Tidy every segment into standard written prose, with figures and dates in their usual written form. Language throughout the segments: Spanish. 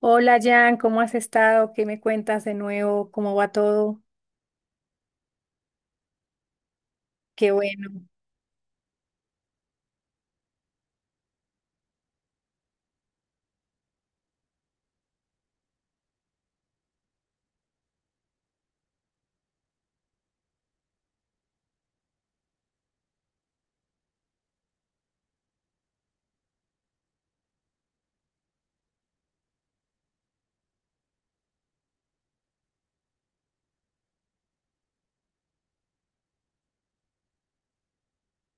Hola Jan, ¿cómo has estado? ¿Qué me cuentas de nuevo? ¿Cómo va todo? Qué bueno.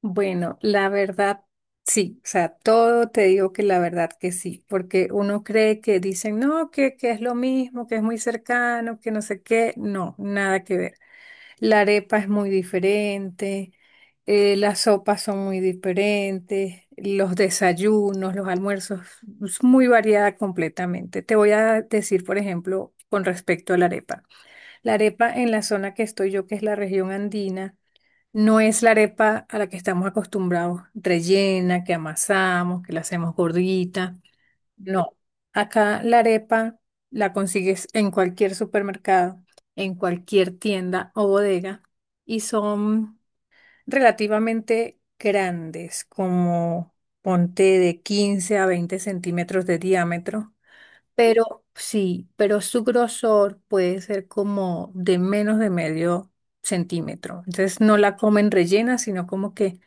Bueno, la verdad, sí, o sea, todo te digo que la verdad que sí, porque uno cree que dicen, no, que es lo mismo, que es muy cercano, que no sé qué, no, nada que ver. La arepa es muy diferente, las sopas son muy diferentes, los desayunos, los almuerzos, es muy variada completamente. Te voy a decir, por ejemplo, con respecto a la arepa. La arepa en la zona que estoy yo, que es la región andina, no es la arepa a la que estamos acostumbrados, rellena, que amasamos, que la hacemos gordita. No, acá la arepa la consigues en cualquier supermercado, en cualquier tienda o bodega, y son relativamente grandes, como ponte de 15 a 20 centímetros de diámetro, pero sí, pero su grosor puede ser como de menos de medio centímetro. Entonces no la comen rellena, sino como que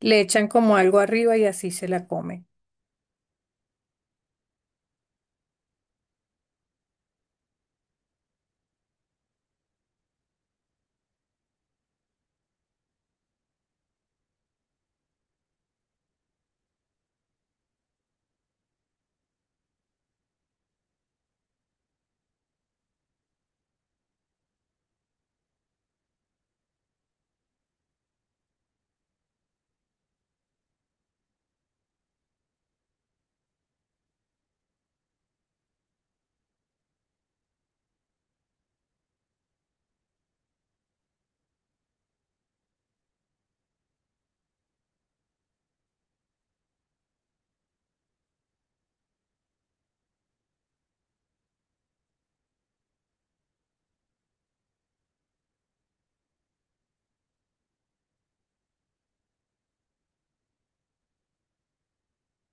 le echan como algo arriba y así se la comen.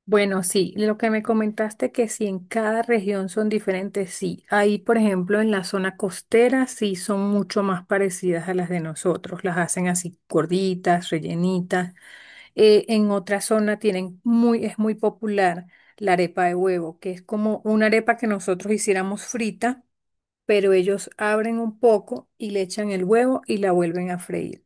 Bueno, sí, lo que me comentaste, que si en cada región son diferentes, sí. Ahí, por ejemplo, en la zona costera sí son mucho más parecidas a las de nosotros. Las hacen así gorditas, rellenitas. En otra zona tienen es muy popular la arepa de huevo, que es como una arepa que nosotros hiciéramos frita, pero ellos abren un poco y le echan el huevo y la vuelven a freír.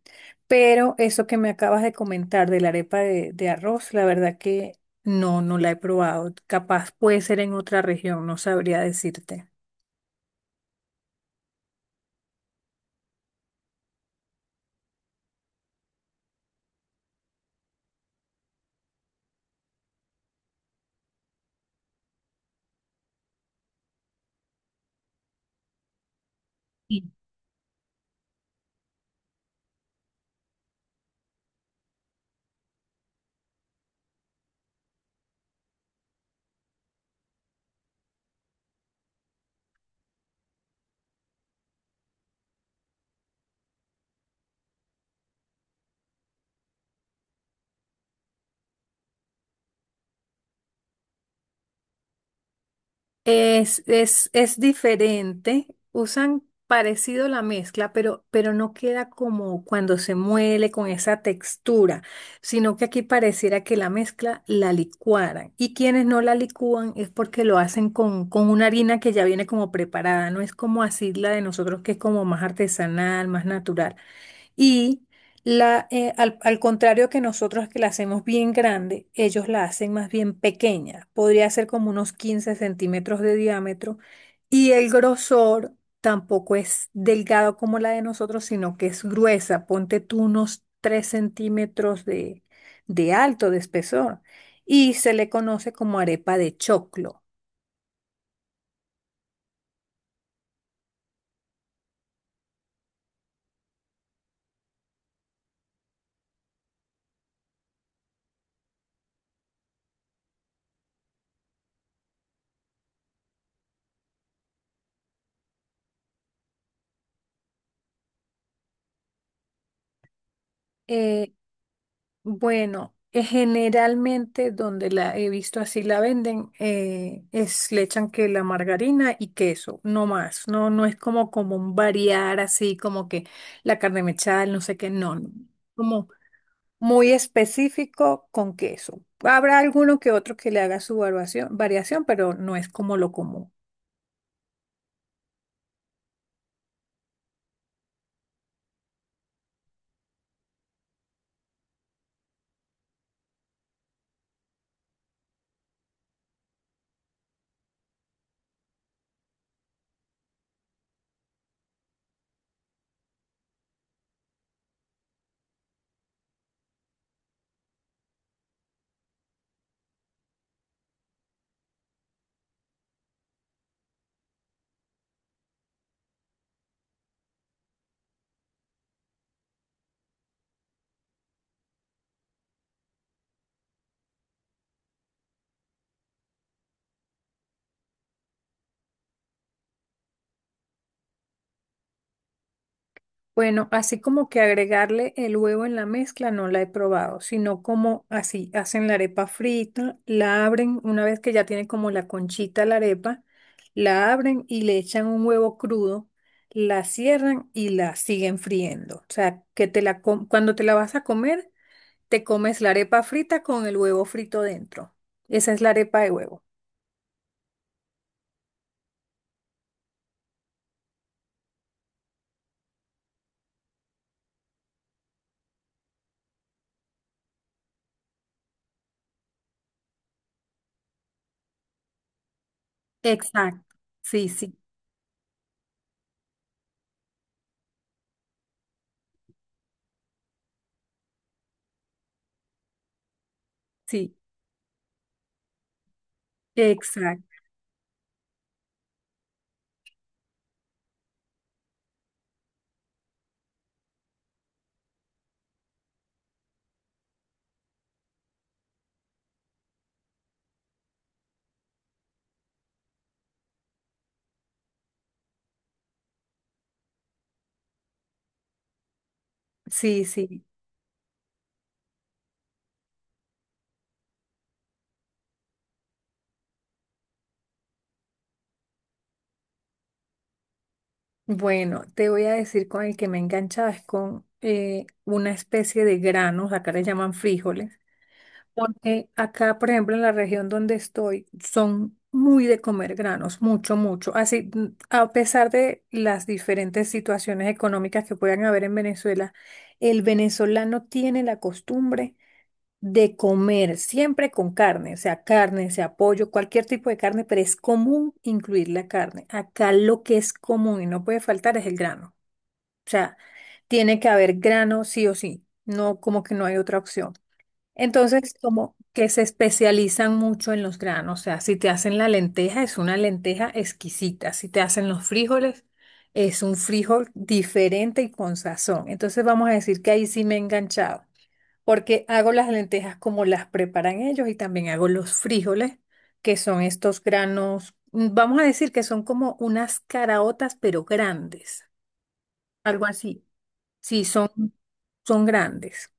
Pero eso que me acabas de comentar de la arepa de arroz, la verdad que no, no la he probado. Capaz puede ser en otra región, no sabría decirte. Sí. Es diferente. Usan parecido la mezcla, pero no queda como cuando se muele con esa textura, sino que aquí pareciera que la mezcla la licuaran. Y quienes no la licúan es porque lo hacen con una harina que ya viene como preparada, no es como así la de nosotros, que es como más artesanal, más natural. Y al contrario que nosotros, que la hacemos bien grande, ellos la hacen más bien pequeña. Podría ser como unos 15 centímetros de diámetro. Y el grosor tampoco es delgado como la de nosotros, sino que es gruesa. Ponte tú unos 3 centímetros de alto, de espesor. Y se le conoce como arepa de choclo. Eh, Bueno, generalmente donde la he visto así la venden, es le echan que la margarina y queso, no más. No, no es como común variar así como que la carne mechada, el no sé qué, no, no. Como muy específico con queso. Habrá alguno que otro que le haga su variación, pero no es como lo común. Bueno, así como que agregarle el huevo en la mezcla no la he probado, sino como así hacen la arepa frita, la abren una vez que ya tiene como la conchita la arepa, la abren y le echan un huevo crudo, la cierran y la siguen friendo. O sea, que cuando te la vas a comer, te comes la arepa frita con el huevo frito dentro. Esa es la arepa de huevo. Exacto. Sí, sí, sí. Exacto. Sí, sí. Bueno, te voy a decir, con el que me he enganchado es con una especie de granos, acá le llaman frijoles, porque acá, por ejemplo, en la región donde estoy, son muy de comer granos, mucho, mucho. Así, a pesar de las diferentes situaciones económicas que puedan haber en Venezuela, el venezolano tiene la costumbre de comer siempre con carne, o sea, carne, sea pollo, cualquier tipo de carne, pero es común incluir la carne. Acá lo que es común y no puede faltar es el grano. O sea, tiene que haber grano sí o sí, no como que no hay otra opción. Entonces, como que se especializan mucho en los granos, o sea, si te hacen la lenteja, es una lenteja exquisita, si te hacen los frijoles, es un frijol diferente y con sazón. Entonces, vamos a decir que ahí sí me he enganchado, porque hago las lentejas como las preparan ellos y también hago los frijoles, que son estos granos. Vamos a decir que son como unas caraotas, pero grandes, algo así. Sí, son grandes.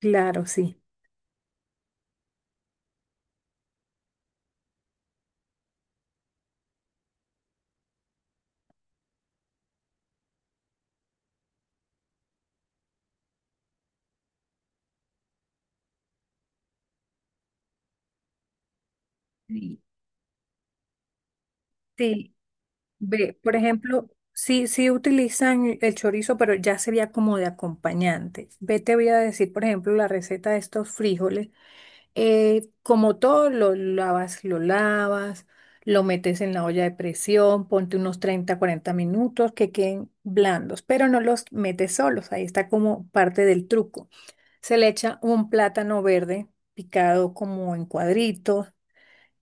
Claro, sí. Sí. Sí. Ve, por ejemplo, sí, sí utilizan el chorizo, pero ya sería como de acompañante. Ve, te voy a decir, por ejemplo, la receta de estos frijoles. Como todo, lo lavas, lo lavas, lo metes en la olla de presión, ponte unos 30, 40 minutos que queden blandos, pero no los metes solos, ahí está como parte del truco. Se le echa un plátano verde picado como en cuadritos,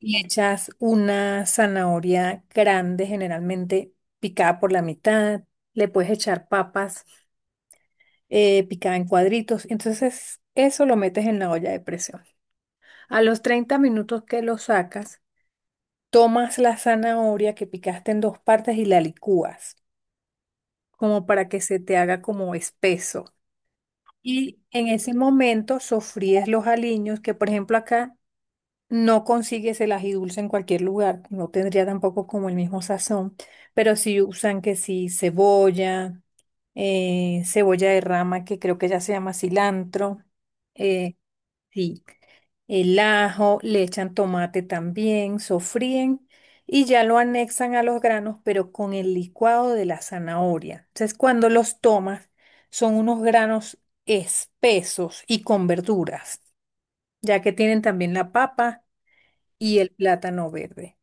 le echas una zanahoria grande, generalmente picada por la mitad. Le puedes echar papas picadas en cuadritos. Entonces eso lo metes en la olla de presión. A los 30 minutos que lo sacas, tomas la zanahoria que picaste en dos partes y la licúas, como para que se te haga como espeso. Y en ese momento sofríes los aliños, que por ejemplo acá no consigues el ají dulce en cualquier lugar, no tendría tampoco como el mismo sazón, pero sí usan que sí cebolla, cebolla de rama, que creo que ya se llama cilantro, eh, sí, el ajo, le echan tomate también, sofríen y ya lo anexan a los granos, pero con el licuado de la zanahoria. Entonces, cuando los tomas, son unos granos espesos y con verduras, ya que tienen también la papa y el plátano verde.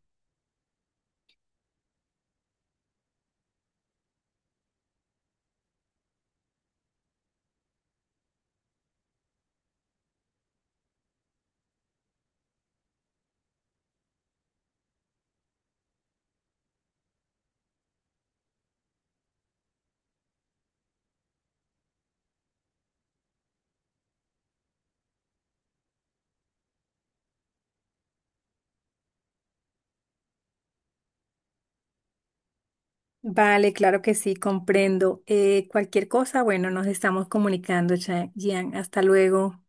Vale, claro que sí, comprendo. Cualquier cosa, bueno, nos estamos comunicando, Gian. Hasta luego.